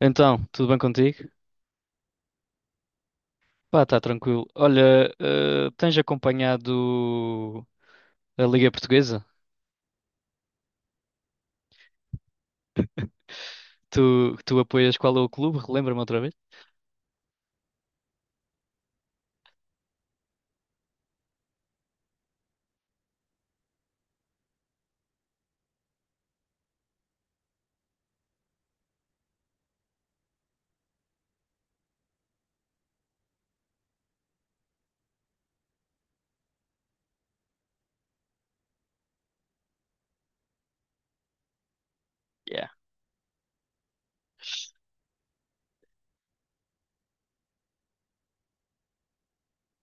Então, tudo bem contigo? Pá, tá tranquilo. Olha, tens acompanhado a Liga Portuguesa? Tu apoias qual é o clube? Relembra-me outra vez. Yeah.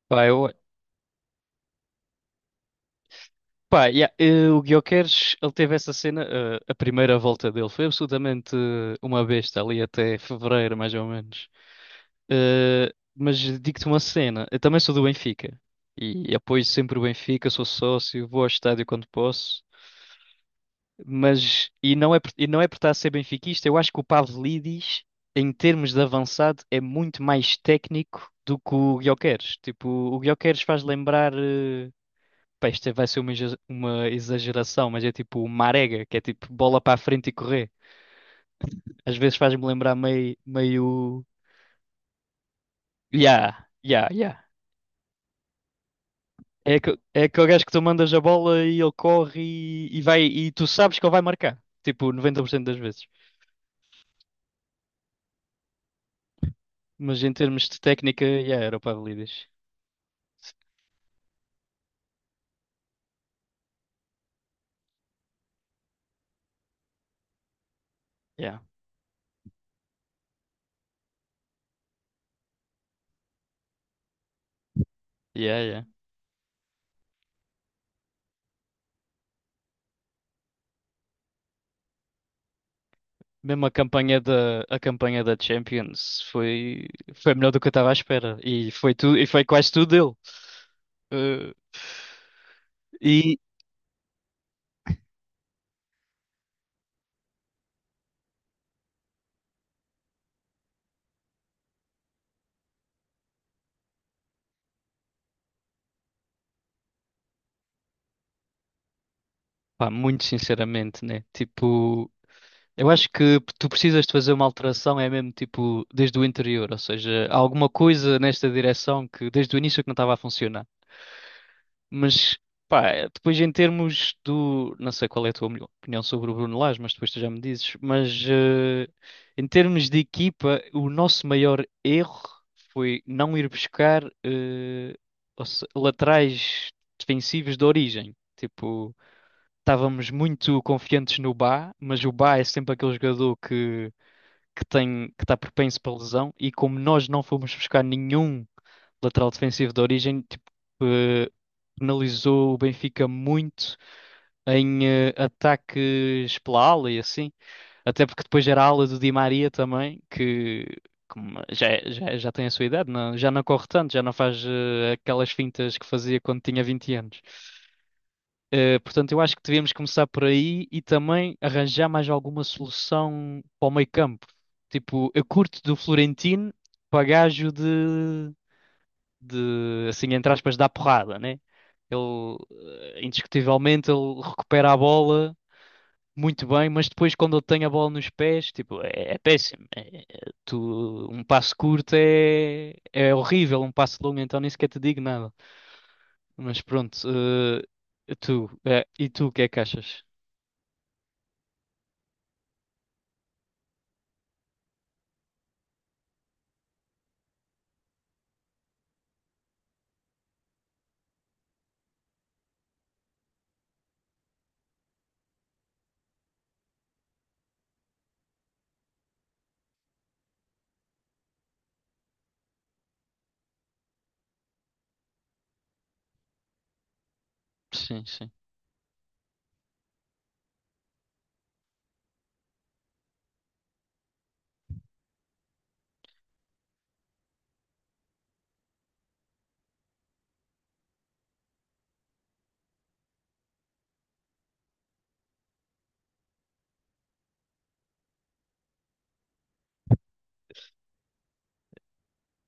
Pá, eu, Pá, yeah, o Gyökeres, ele teve essa cena, a primeira volta dele foi absolutamente uma besta ali até fevereiro, mais ou menos. Mas digo-te uma cena, eu também sou do Benfica e apoio sempre o Benfica, sou sócio, vou ao estádio quando posso, mas e não é por estar a ser benfiquista, eu acho que o Pavlidis, em termos de avançado, é muito mais técnico do que o Gyökeres. Tipo, o Gyökeres faz lembrar. Pá, isto vai ser uma exageração, mas é tipo marega, que é tipo bola para a frente e correr. Às vezes faz-me lembrar meio, yeah, yeah, yeah. É, é aquele gajo que tu mandas a bola e ele corre e vai, e tu sabes que ele vai marcar, tipo 90% das vezes. Mas em termos de técnica, yeah, era o Pavlidis. Yeah, yeah, yeah. Mesmo a campanha da Champions foi, foi melhor do que eu estava à espera. E foi tudo, e foi quase tudo dele. Eh, e, Pá, muito sinceramente, né? Tipo, eu acho que tu precisas de fazer uma alteração, é mesmo tipo desde o interior, ou seja, há alguma coisa nesta direção que desde o início que não estava a funcionar. Mas, pá, depois em termos do. Não sei qual é a tua opinião sobre o Bruno Lage, mas depois tu já me dizes. Mas em termos de equipa, o nosso maior erro foi não ir buscar ou se- laterais defensivos de origem. Tipo estávamos muito confiantes no Bá, mas o Bá é sempre aquele jogador que tem, que está propenso para lesão, e como nós não fomos buscar nenhum lateral defensivo de origem, tipo, eh, penalizou o Benfica muito em ataques pela ala e assim. Até porque depois era a ala do Di Maria também, que como já tem a sua idade, já não corre tanto, já não faz aquelas fintas que fazia quando tinha 20 anos. Portanto, eu acho que devíamos começar por aí e também arranjar mais alguma solução para o meio campo. Tipo, eu curto do Florentino para gajo de, assim, entre aspas, dar porrada, né? Ele, indiscutivelmente, ele recupera a bola muito bem, mas depois quando ele tem a bola nos pés, tipo, é péssimo. Tu, um passo curto é horrível, um passo longo, então nem sequer te digo nada. Mas pronto, e tu, o que é que achas? Sim, sim.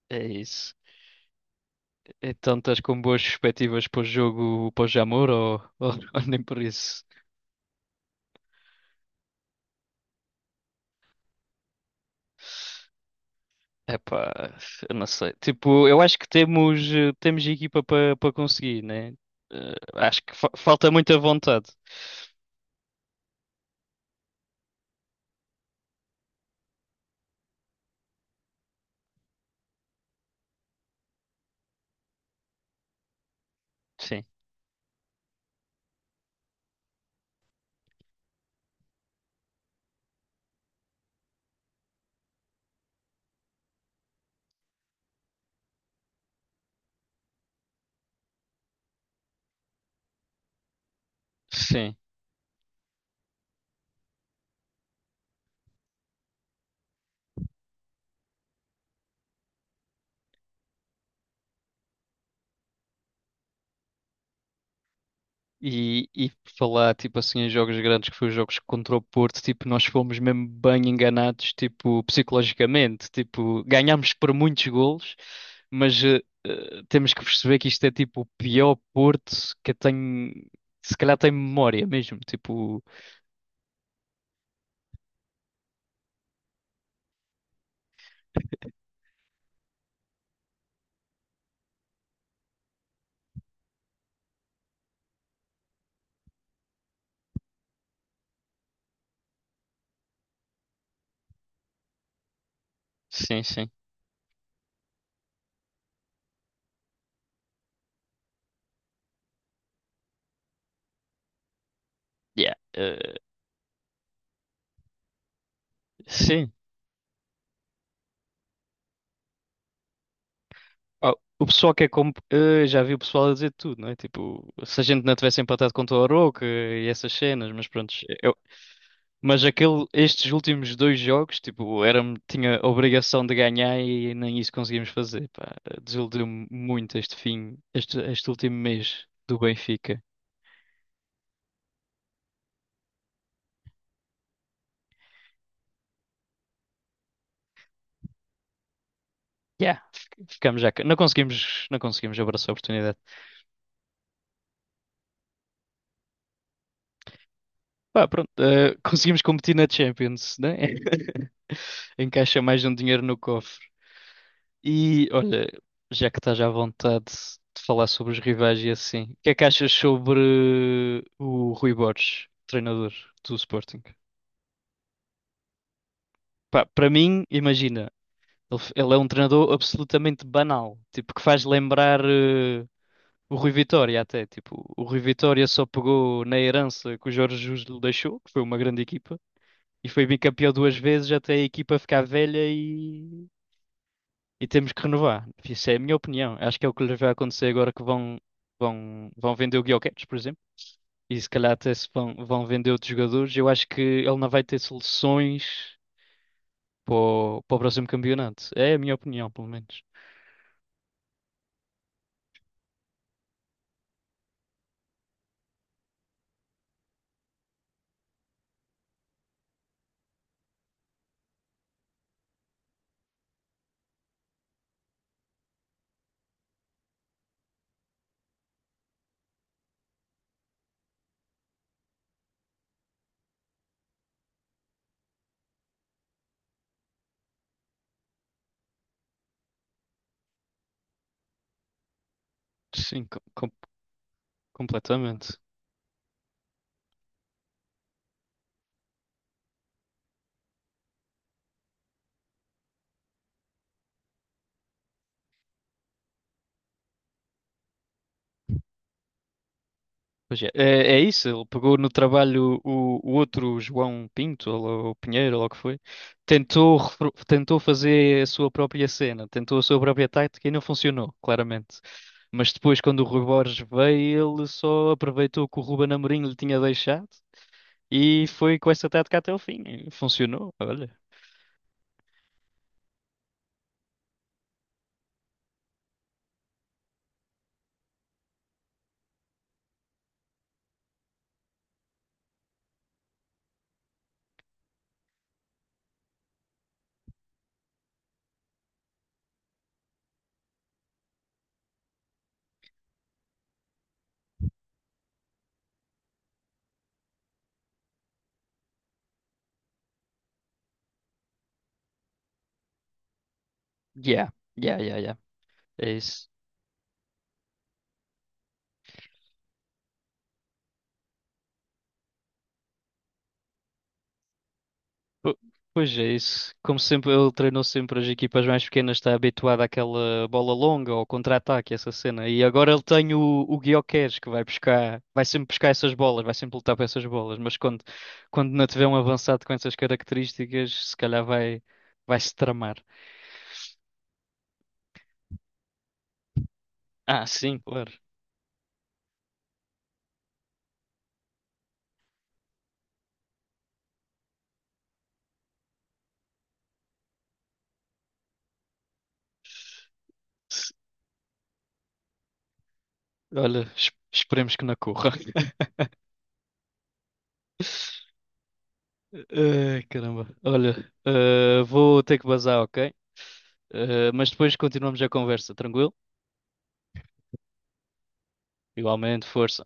É isso. Então estás com boas perspectivas para o jogo, para o Jamor ou, ou nem por isso? Epá, eu não sei. Tipo, eu acho que temos, temos equipa para conseguir, né? Acho que falta muita vontade. Sim, sim. E falar, tipo assim, em jogos grandes, que foi os jogos contra o Porto, tipo, nós fomos mesmo bem enganados, tipo, psicologicamente, tipo, ganhámos por muitos golos, mas temos que perceber que isto é, tipo, o pior Porto que eu tenho, se calhar tem memória mesmo, tipo, sim, sim. Yeah. Sim. Ah, o pessoal que é como. Já vi o pessoal a dizer tudo, não é? Tipo, se a gente não tivesse empatado contra o Aroca e essas cenas, mas pronto. Eu, mas aquele, estes últimos dois jogos, tipo, era, tinha a obrigação de ganhar e nem isso conseguimos fazer, pá. Desiludiu-me muito este fim, este último mês do Benfica. Yeah, ficamos já. Não conseguimos abraçar a oportunidade. Pá, pronto, eh, conseguimos competir na Champions, né? Encaixa mais um dinheiro no cofre. E olha, já que estás à vontade de falar sobre os rivais e assim, o que é que achas sobre o Rui Borges, treinador do Sporting? Pá, para mim, imagina, ele é um treinador absolutamente banal, tipo que faz lembrar o Rui Vitória até, tipo, o Rui Vitória só pegou na herança que o Jorge Jesus lhe deixou, que foi uma grande equipa, e foi bicampeão duas vezes até a equipa ficar velha e temos que renovar. Isso é a minha opinião. Acho que é o que lhes vai acontecer agora que vão vender o Gyökeres, por exemplo. E se calhar até se vão, vão vender outros jogadores. Eu acho que ele não vai ter soluções para para o próximo campeonato. É a minha opinião, pelo menos. Sim, completamente. Pois é, é, é isso, ele pegou no trabalho o outro João Pinto, ou lá o Pinheiro, ou lá o que foi, tentou fazer a sua própria cena, tentou a sua própria tática e não funcionou, claramente. Mas depois, quando o Rui Borges veio, ele só aproveitou que o Ruben Amorim lhe tinha deixado e foi com essa tática até o fim. E funcionou, olha. Yeah, yeah, yeah, yeah. É isso. Po- Pois é isso. Como sempre, ele treinou sempre as equipas mais pequenas, está habituado àquela bola longa ou contra-ataque, essa cena. E agora ele tem o Gyökeres que vai buscar, vai sempre buscar essas bolas, vai sempre lutar para essas bolas. Quando não tiver um avançado com essas características, se calhar vai, vai se tramar. Ah, sim, claro. Se- Olha, esperemos que não corra. Ai, caramba. Olha, eh, vou ter que bazar, ok? Eh, mas depois continuamos a conversa, tranquilo? Igualmente, força.